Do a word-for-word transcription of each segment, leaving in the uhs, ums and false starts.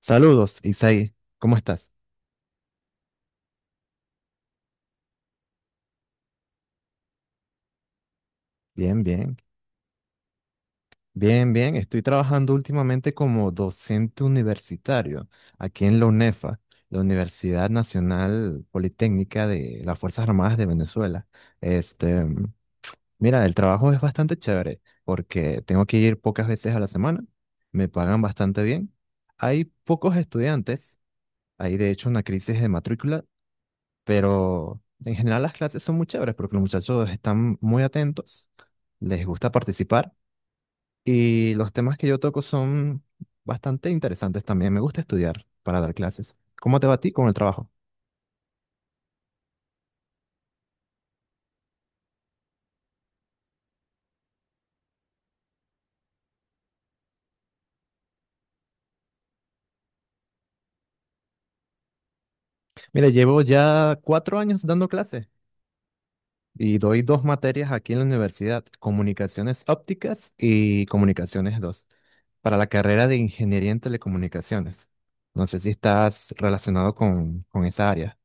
Saludos, Isaí. ¿Cómo estás? Bien, bien. Bien, bien. Estoy trabajando últimamente como docente universitario aquí en la UNEFA, la Universidad Nacional Politécnica de las Fuerzas Armadas de Venezuela. Este, mira, el trabajo es bastante chévere porque tengo que ir pocas veces a la semana. Me pagan bastante bien. Hay pocos estudiantes. Hay de hecho una crisis de matrícula. Pero en general las clases son muy chéveres porque los muchachos están muy atentos, les gusta participar y los temas que yo toco son bastante interesantes también. Me gusta estudiar para dar clases. ¿Cómo te va a ti con el trabajo? Mira, llevo ya cuatro años dando clases y doy dos materias aquí en la universidad, comunicaciones ópticas y comunicaciones dos para la carrera de ingeniería en telecomunicaciones. No sé si estás relacionado con, con esa área.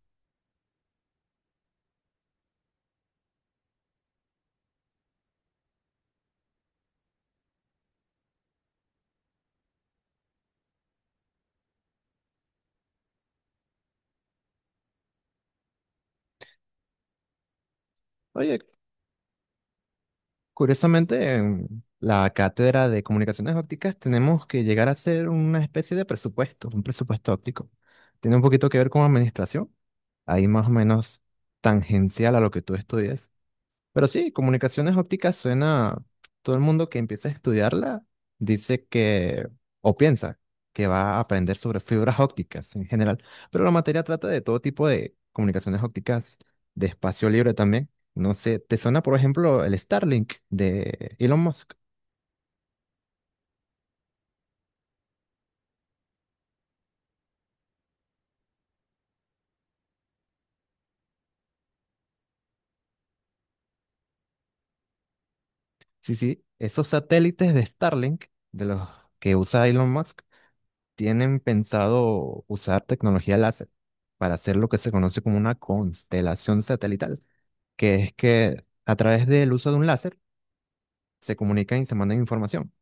Oye. Curiosamente, en la cátedra de comunicaciones ópticas tenemos que llegar a hacer una especie de presupuesto, un presupuesto óptico. Tiene un poquito que ver con administración, ahí más o menos tangencial a lo que tú estudias. Pero sí, comunicaciones ópticas suena, todo el mundo que empieza a estudiarla dice que, o piensa que va a aprender sobre fibras ópticas en general, pero la materia trata de todo tipo de comunicaciones ópticas de espacio libre también. No sé, ¿te suena por ejemplo el Starlink de Elon Musk? Sí, sí, esos satélites de Starlink, de los que usa Elon Musk, tienen pensado usar tecnología láser para hacer lo que se conoce como una constelación satelital que es que a través del uso de un láser se comunican y se mandan información.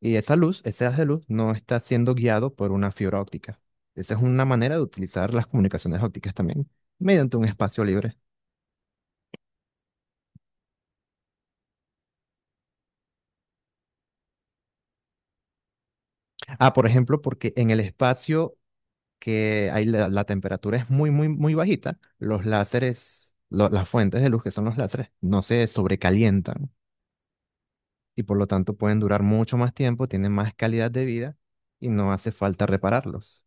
Y esa luz, ese haz de luz, no está siendo guiado por una fibra óptica. Esa es una manera de utilizar las comunicaciones ópticas también, mediante un espacio libre. Ah, por ejemplo, porque en el espacio que hay la, la temperatura es muy, muy, muy bajita, los láseres, lo- las fuentes de luz que son los láseres, no se sobrecalientan y por lo tanto pueden durar mucho más tiempo, tienen más calidad de vida y no hace falta repararlos.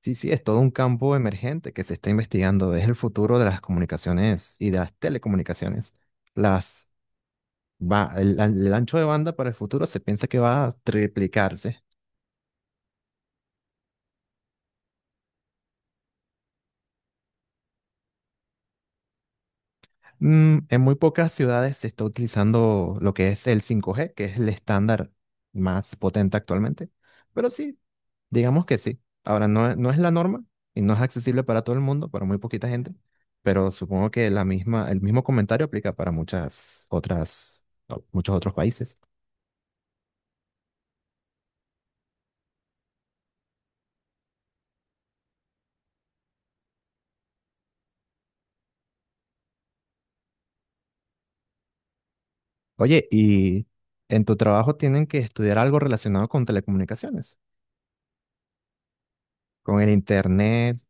Sí, sí, es todo un campo emergente que se está investigando. Es el futuro de las comunicaciones y de las telecomunicaciones. Las va, el, el ancho de banda para el futuro se piensa que va a triplicarse. Mm, en muy pocas ciudades se está utilizando lo que es el cinco G, que es el estándar más potente actualmente. Pero sí, digamos que sí. Ahora, no, es- no es la norma y no es accesible para todo el mundo, para muy poquita gente. Pero supongo que la misma, el mismo comentario aplica para muchas otras, muchos otros países. Oye, ¿y en tu trabajo tienen que estudiar algo relacionado con telecomunicaciones? Con el internet,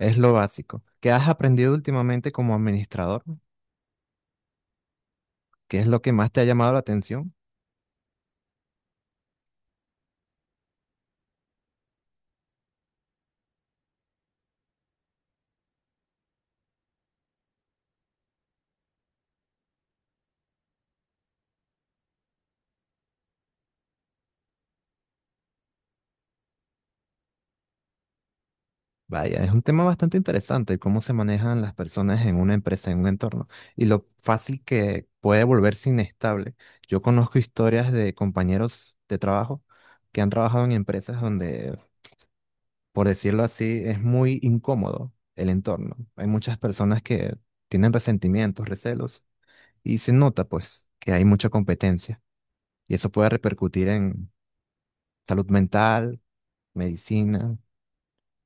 es lo básico. ¿Qué has aprendido últimamente como administrador? ¿Qué es lo que más te ha llamado la atención? Vaya, es un tema bastante interesante, cómo se manejan las personas en una empresa, en un entorno, y lo fácil que puede volverse inestable. Yo conozco historias de compañeros de trabajo que han trabajado en empresas donde, por decirlo así, es muy incómodo el entorno. Hay muchas personas que tienen resentimientos, recelos, y se nota pues que hay mucha competencia. Y eso puede repercutir en salud mental, medicina,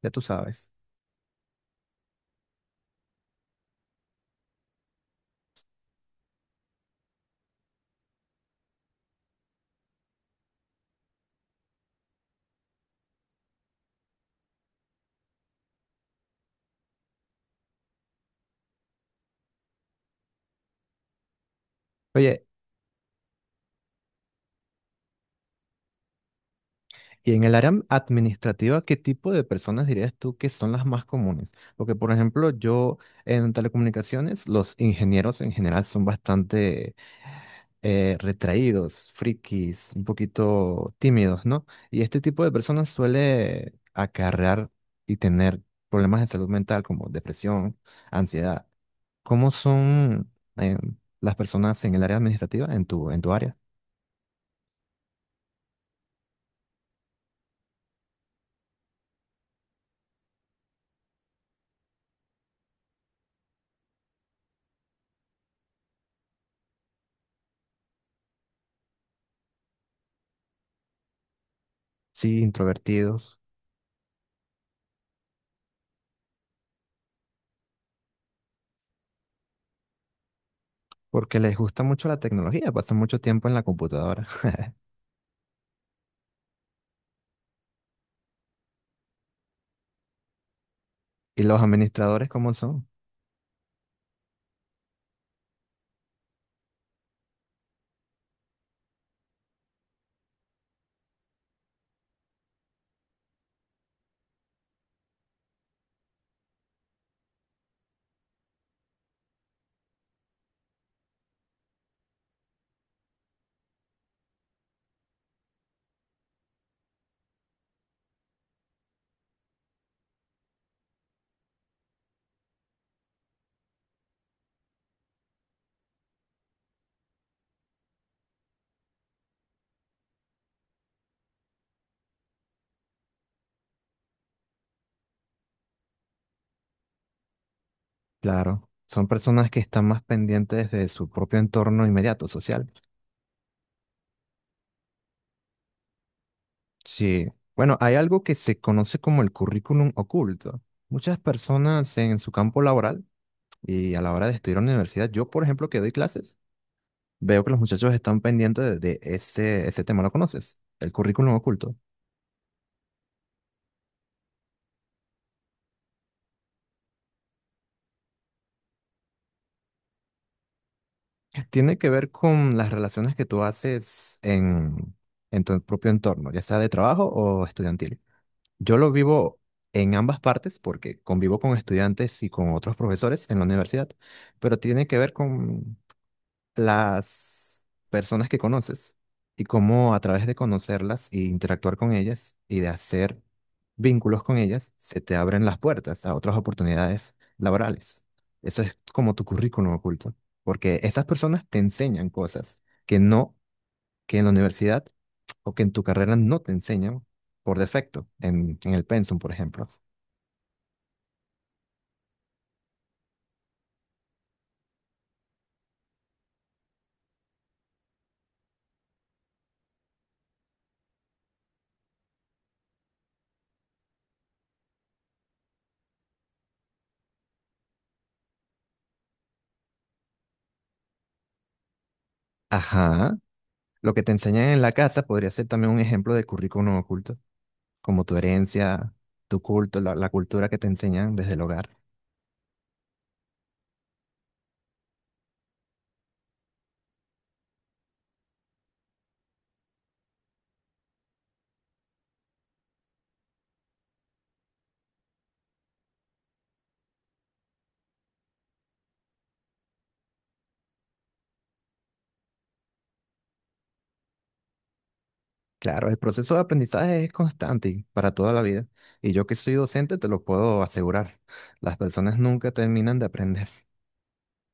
ya tú sabes. Oye, y en el área administrativa, ¿qué tipo de personas dirías tú que son las más comunes? Porque, por ejemplo, yo en telecomunicaciones, los ingenieros en general son bastante eh, retraídos, frikis, un poquito tímidos, ¿no? Y este tipo de personas suele acarrear y tener problemas de salud mental como depresión, ansiedad. ¿Cómo son eh, las personas en el área administrativa, en tu, en tu área? Sí, introvertidos. Porque les gusta mucho la tecnología, pasan mucho tiempo en la computadora. ¿Y los administradores cómo son? Claro, son personas que están más pendientes de su propio entorno inmediato social. Sí. Bueno, hay algo que se conoce como el currículum oculto. Muchas personas en su campo laboral y a la hora de estudiar en la universidad, yo por ejemplo que doy clases, veo que los muchachos están pendientes de, de ese, ese tema. ¿Lo conoces? El currículum oculto. Tiene que ver con las relaciones que tú haces en, en tu propio entorno, ya sea de trabajo o estudiantil. Yo lo vivo en ambas partes porque convivo con estudiantes y con otros profesores en la universidad, pero tiene que ver con las personas que conoces y cómo a través de conocerlas y interactuar con ellas y de hacer vínculos con ellas, se te abren las puertas a otras oportunidades laborales. Eso es como tu currículum oculto, porque estas personas te enseñan cosas que no, que en la universidad o que en tu carrera no te enseñan por defecto, en, en el pensum, por ejemplo. Ajá. Lo que te enseñan en la casa podría ser también un ejemplo de currículum oculto, como tu herencia, tu culto, la, la cultura que te enseñan desde el hogar. Claro, el proceso de aprendizaje es constante y para toda la vida. Y yo que soy docente te lo puedo asegurar. Las personas nunca terminan de aprender.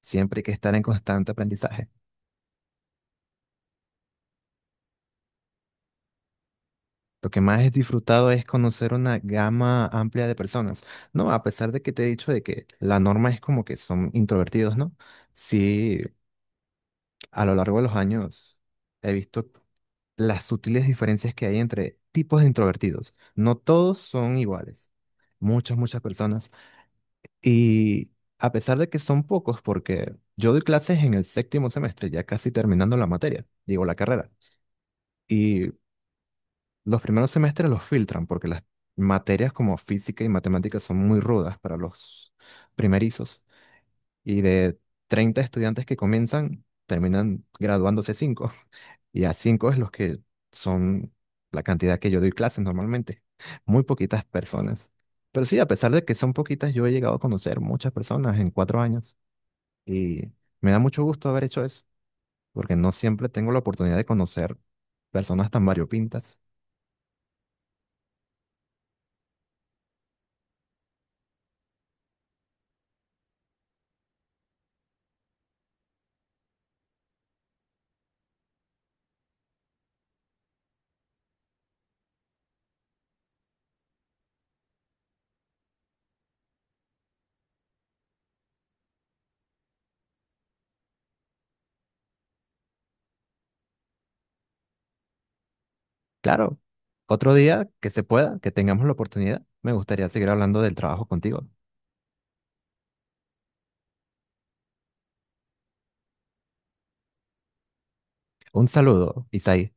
Siempre hay que estar en constante aprendizaje. Lo que más he disfrutado es conocer una gama amplia de personas. No, a pesar de que te he dicho de que la norma es como que son introvertidos, ¿no? Sí, a lo largo de los años he visto las sutiles diferencias que hay entre tipos de introvertidos. No todos son iguales. Muchas, muchas personas. Y a pesar de que son pocos, porque yo doy clases en el séptimo semestre, ya casi terminando la materia, digo la carrera. Y los primeros semestres los filtran porque las materias como física y matemáticas son muy rudas para los primerizos. Y de treinta estudiantes que comienzan, terminan graduándose cinco. Y a cinco es los que son la cantidad que yo doy clases normalmente. Muy poquitas personas. Pero sí, a pesar de que son poquitas, yo he llegado a conocer muchas personas en cuatro años. Y me da mucho gusto haber hecho eso, porque no siempre tengo la oportunidad de conocer personas tan variopintas. Claro, otro día que se pueda, que tengamos la oportunidad, me gustaría seguir hablando del trabajo contigo. Un saludo, Isaí.